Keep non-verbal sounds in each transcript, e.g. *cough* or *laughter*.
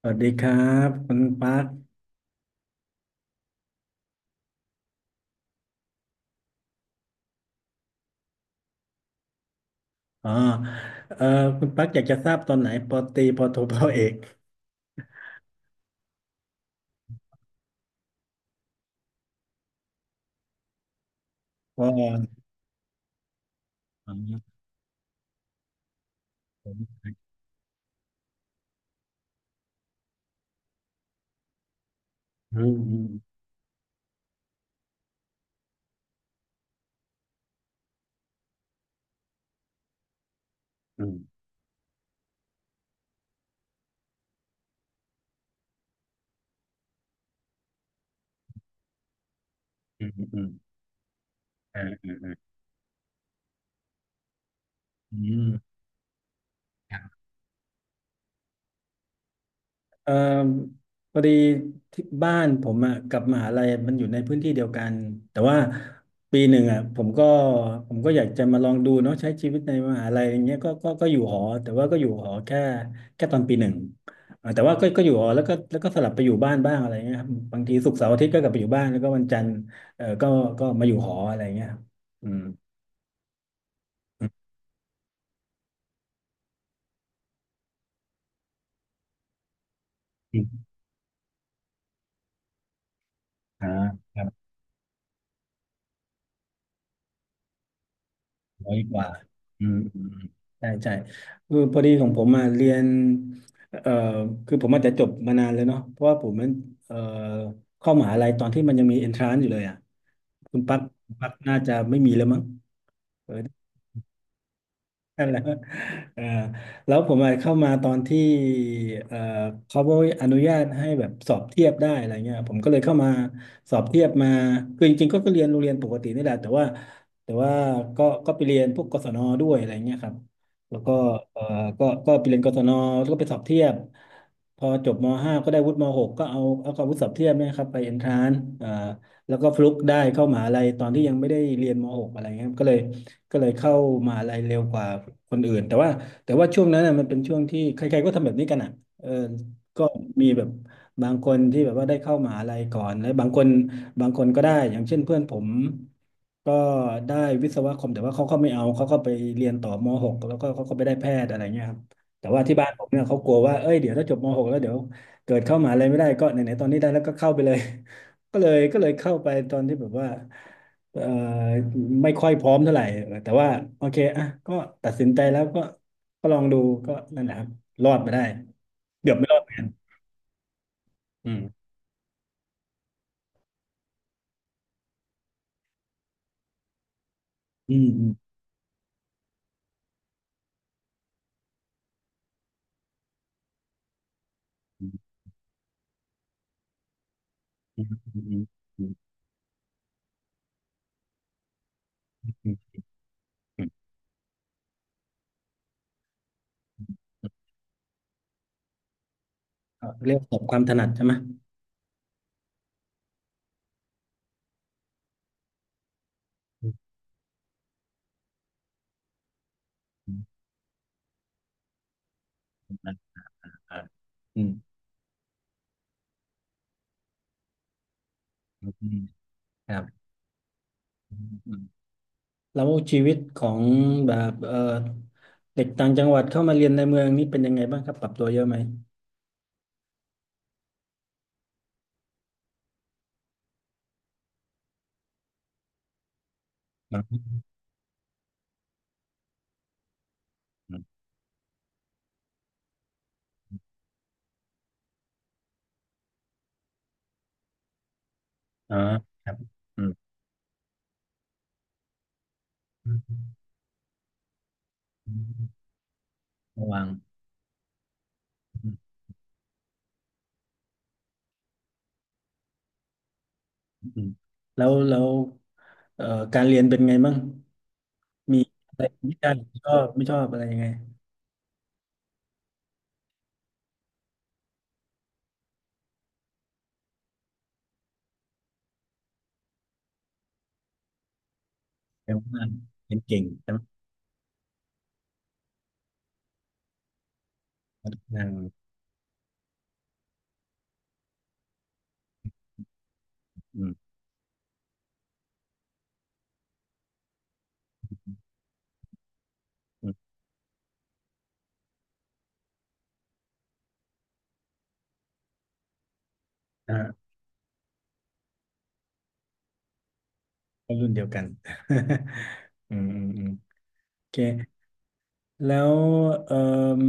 สวัสดีครับคุณปักอ๋อเออคุณปักอยากจะทราบตอนไหนปอตรีปอโทปอเอกปออ๋อผมอืมอืมอืมอืมอืมอืมอ่อ่อ่อืม เอ่อพอดีที่บ้านผมอ่ะกับมหาลัยมันอยู่ในพื้นที่เดียวกันแต่ว่าปีหนึ่งอ่ะผมก็อยากจะมาลองดูเนาะใช้ชีวิตในมหาลัยอย่างเงี้ยก็อยู่หอแต่ว่าก็อยู่หอแค่ตอนปีหนึ่งอ่าแต่ว่าก็อยู่หอแล้วก็สลับไปอยู่บ้านบ้างอะไรเงี้ยครับบางทีศุกร์เสาร์อาทิตย์ก็กลับไปอยู่บ้านแล้วก็วันจันทร์เออก็ก็มาอยู่หออะไรเงี้ยครับอืมอืมอ่า ร้อยกว่าอืมอืมอืมใช่ใช่คือพอดีของผมมาเรียนเอ่อคือผมอาจจะจบมานานแล้วเนาะเพราะว่าผมมันเอ่อเข้ามหาลัยตอนที่มันยังมีเอนทรานซ์อยู่เลยอ่ะคุณปักปักน่าจะไม่มีแล้วมั้ง นั่นแหละเออแล้วผมอะเข้ามาตอนที่เออเขาอนุญาตให้แบบสอบเทียบได้อะไรเงี้ยผมก็เลยเข้ามาสอบเทียบมาคือจริงๆก็เรียนโรงเรียนปกตินี่แหละแต่ว่าก็ไปเรียนพวกกศนด้วยอะไรเงี้ยครับแล้วก็เออก็ก็ไปเรียนกศนแล้วก็ไปสอบเทียบพอจบม .5 ก็ได้วุฒิมหกก็เอาความวุฒิสอบเทียบเนี่ยครับไปเอนทรานซ์ แล้วก็ฟลุกได้เข้ามหาลัยตอนที่ยังไม่ได้เรียนม .6 อะไรเงี้ยก็เลยเข้ามหาลัยเร็วกว่าคนอื่นแต่ว่าช่วงนั้นน่ะมันเป็นช่วงที่ใครๆก็ทำแบบนี้กันอ่ะเออก็มีแบบบางคนที่แบบว่าได้เข้ามหาลัยก่อนแล้วบางคนก็ได้อย่างเช่นเพื่อนผมก็ได้วิศวะคอมแต่ว่าเขาก็ไม่เอาเขาก็ไปเรียนต่อม .6 แล้วก็เขาก็ไปได้แพทย์อะไรเงี้ยครับแต่ว่าที่บ้านผมเนี่ยเขากลัวว่าเอ้ยเดี๋ยวถ้าจบม .6 แล้วเดี๋ยวเกิดเข้ามหาลัยไม่ได้ก็ไหนๆตอนนี้ได้แล้วก็เข้าไปเลย ก็เลยเข้าไปตอนที่แบบว่าเอ่อไม่ค่อยพร้อมเท่าไหร่แต่ว่าโอเคอ่ะก็ตัดสินใจแล้วก็ก็ลองดูก็นั่นแหละครับรอดมาได้เกือบไม่รอดเหมือนกันอืมอืมอืมอืมอืมอืมอืมอืมก็เรียกประสบความถนัดใช่ไหมอืมอืมอืมอืมอืมครับอืมอืมแล้วชีวิตของแบบเด็กต่างจังหวัดเข้ามาเรียนในเมืองนี่เป็นยังไงบ้างครับปรับตัวเยอะไหมอืมอืมอครับ ระวังอืมอืมแล้วเอ่อการเรียนเป็นไงบ้างมีอะไรที่ชอบไม่ชอบอะไรยังไงแต่ว่าเรียนเก่งแต่ว่าทางอืมอืมอ่าก็รุ่นเดียวกัน *laughs* อืมอืมอืมโอเคแล้วเอ่ม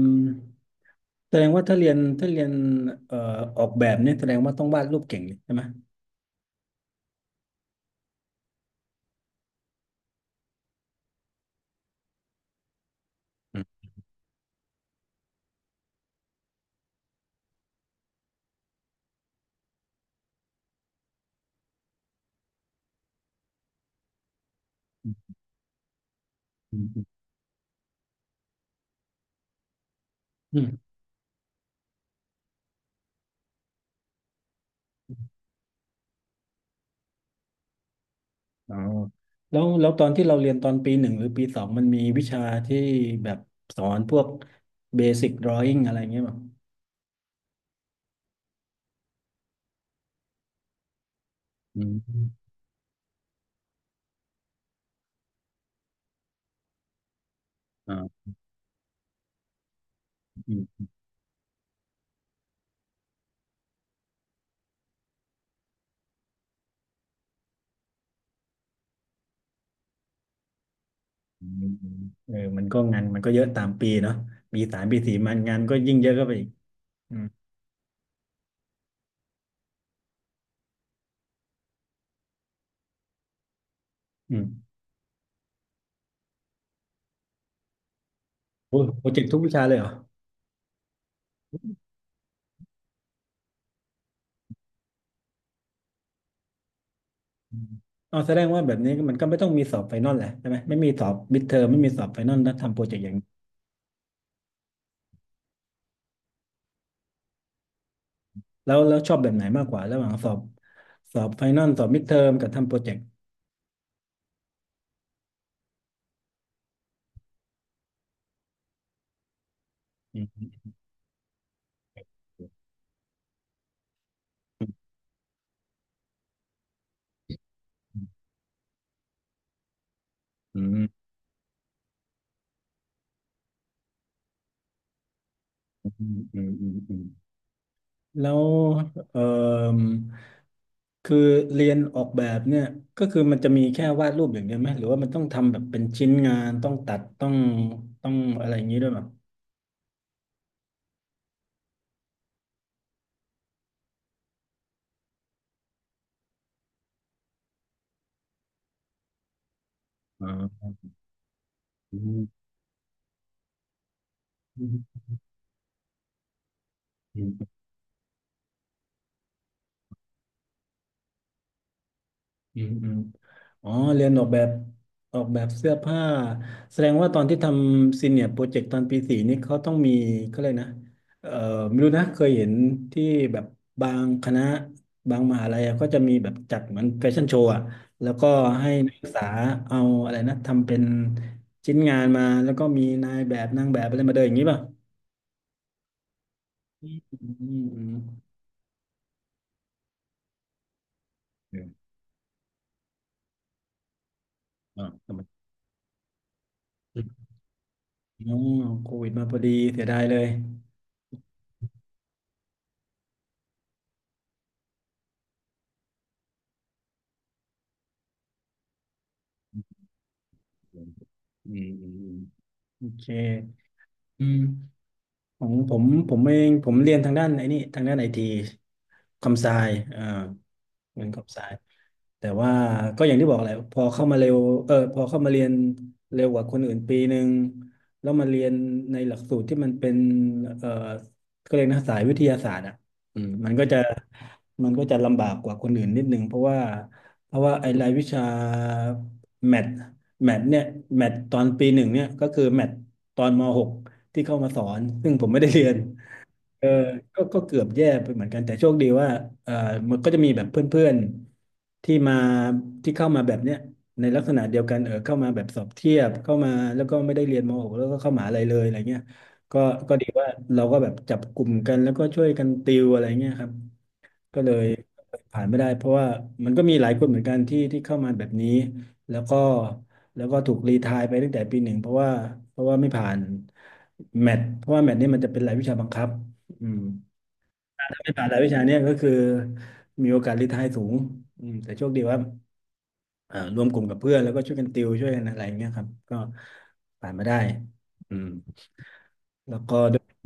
แสดงว่าถ้าเรียนเอ่อออกแบบเนี่ยแสดงว่าต้องวาดรูปเก่งเลยใช่ไหมอืมอืมอืมอืม อ๋อแล้วตอนที่เราเรียนตอนปีหนึ่งหรือปีสองมันมีวิชาที่แบบสอนพวกเบสิกดรอ w ิ n งอะไรเงี้ยมั้งอืมอ่าอืมอืมอืมเออมันก็งานมันก็เยอะตามปีเนาะปีสามปีสี่มันงานก็ยิ่งเยอะเข้าไปอีกอืมอืมโอ้ยโปรเจกต์ทุกวิชาเลยเหรออืมอ๋อแสดงว่าแบบนี้มันก็ไม่ต้องมีสอบไฟนอลแหละใช่ไหมไม่มีสอบมิดเทอมไม่มีสอบไฟนอลถ้าทำโปรเจกต์อย่างนี้แล้วชอบแบบไหนมากกว่าระหว่างสอบสอบไฟนอลสอบมิดเทอมกับทำโปรเจกต์อืม อืมอืมอืมอืมอืมแล้วเอ่อคือเรียนออกแบบเนี่ยก็คือมันจะมีแค่วาดรูปอย่างเดียวไหมหรือว่ามันต้องทำแบบเป็นชิ้นงานต้องตัดต้องอะไรอย่างนี้ด้วยป่ะอ๋อมอืม อืมอืมอ๋อเรียนออกแบบออกแบบเสื้อผ้าแสดงว่าตอนที่ทำซีเนียร์โปรเจกต์ตอนปีสี่นี่เขาต้องมีเขาเลยกนะเอ่อไม่รู้นะเคยเห็นที่แบบบางคณะบางมหาลัยอะก็จะมีแบบจัดเหมือนแฟชั่นโชว์อะแล้วก็ให้นักศึกษาเอาอะไรนะทำเป็นชิ้นงานมาแล้วก็มีนายแบบนางแบบอะไรมาเดินอย่างนี้ป่ะอืมอืมเอออ๋ออืโควิดมาพอดีเสียดายเลยอืมอืมอืมโอเค อืมของผมผมเองผมเรียนทางด้านไอ้นี่ทางด้านไอทีคอมไซเอ่อเรียนคอมไซแต่ว่าก็อย่างที่บอกแหละพอเข้ามาเร็วเออพอเข้ามาเรียนเร็วกว่าคนอื่นปีหนึ่งแล้วมาเรียนในหลักสูตรที่มันเป็นเออก็เรียกนะสายวิทยาศาสตร์อ่ะอืมมันก็จะ ลำบากกว่าคนอื่นนิดนึงเพราะว่าไอ้รายวิชาแมทแมทเนี่ยแมทตอนปีหนึ่งเนี่ยก็คือแมทตอนมหกที่เข้ามาสอนซึ่งผมไม่ได้เรียนเออก็เกือบแย่ไปเหมือนกันแต่โชคดีว่าเออมันก็จะมีแบบเพื่อนๆที่มาที่เข้ามาแบบเนี้ยในลักษณะเดียวกันเออเข้ามาแบบสอบเทียบเข้ามาแล้วก็ไม่ได้เรียนมหกแล้วก็เข้ามหาลัยเลยอะไรเงี้ยก็ก็ดีว่าเราก็แบบจับกลุ่มกันแล้วก็ช่วยกันติวอะไรเงี้ยครับ ก็เลยผ่านไม่ได้เพราะว่ามันก็มีหลายคนเหมือนกันที่เข้ามาแบบนี้แล้วก็แล้วก็ถูกรีไทร์ไปตั้งแต่ปีหนึ่งเพราะว่าไม่ผ่านแมทเพราะว่าแมทนี่มันจะเป็นรายวิชาบังคับอืมไม่ผ่านรายวิชาเนี่ยก็คือมีโอกาสรีไทร์สูงอืมแต่โชคดีว่ารวมกลุ่มกับเพื่อนแล้วก็ช่วยกันติวช่วยกันอะไรอย่างเงี้ยครับก็ผ่านมาได้อืมแล้วก็ด้วย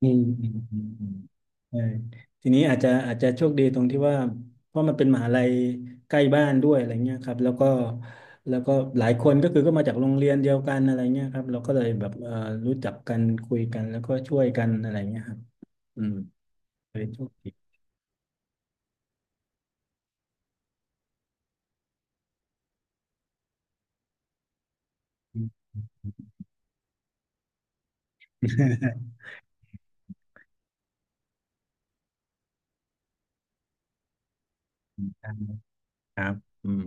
อืมอืมอืมอืมใช่ทีนี้อาจจะโชคดีตรงที่ว่าเพราะมันเป็นมหาลัยใกล้บ้านด้วยอะไรเงี้ยครับแล้วก็หลายคนก็คือก็มาจากโรงเรียนเดียวกันอะไรเงี้ยครับเราก็เลยแบบรู้จักกันคุยกันแล้วก็ช่วยกันอะไรเงี้ยครับอืมเลยโชคดี *laughs* ครับอืม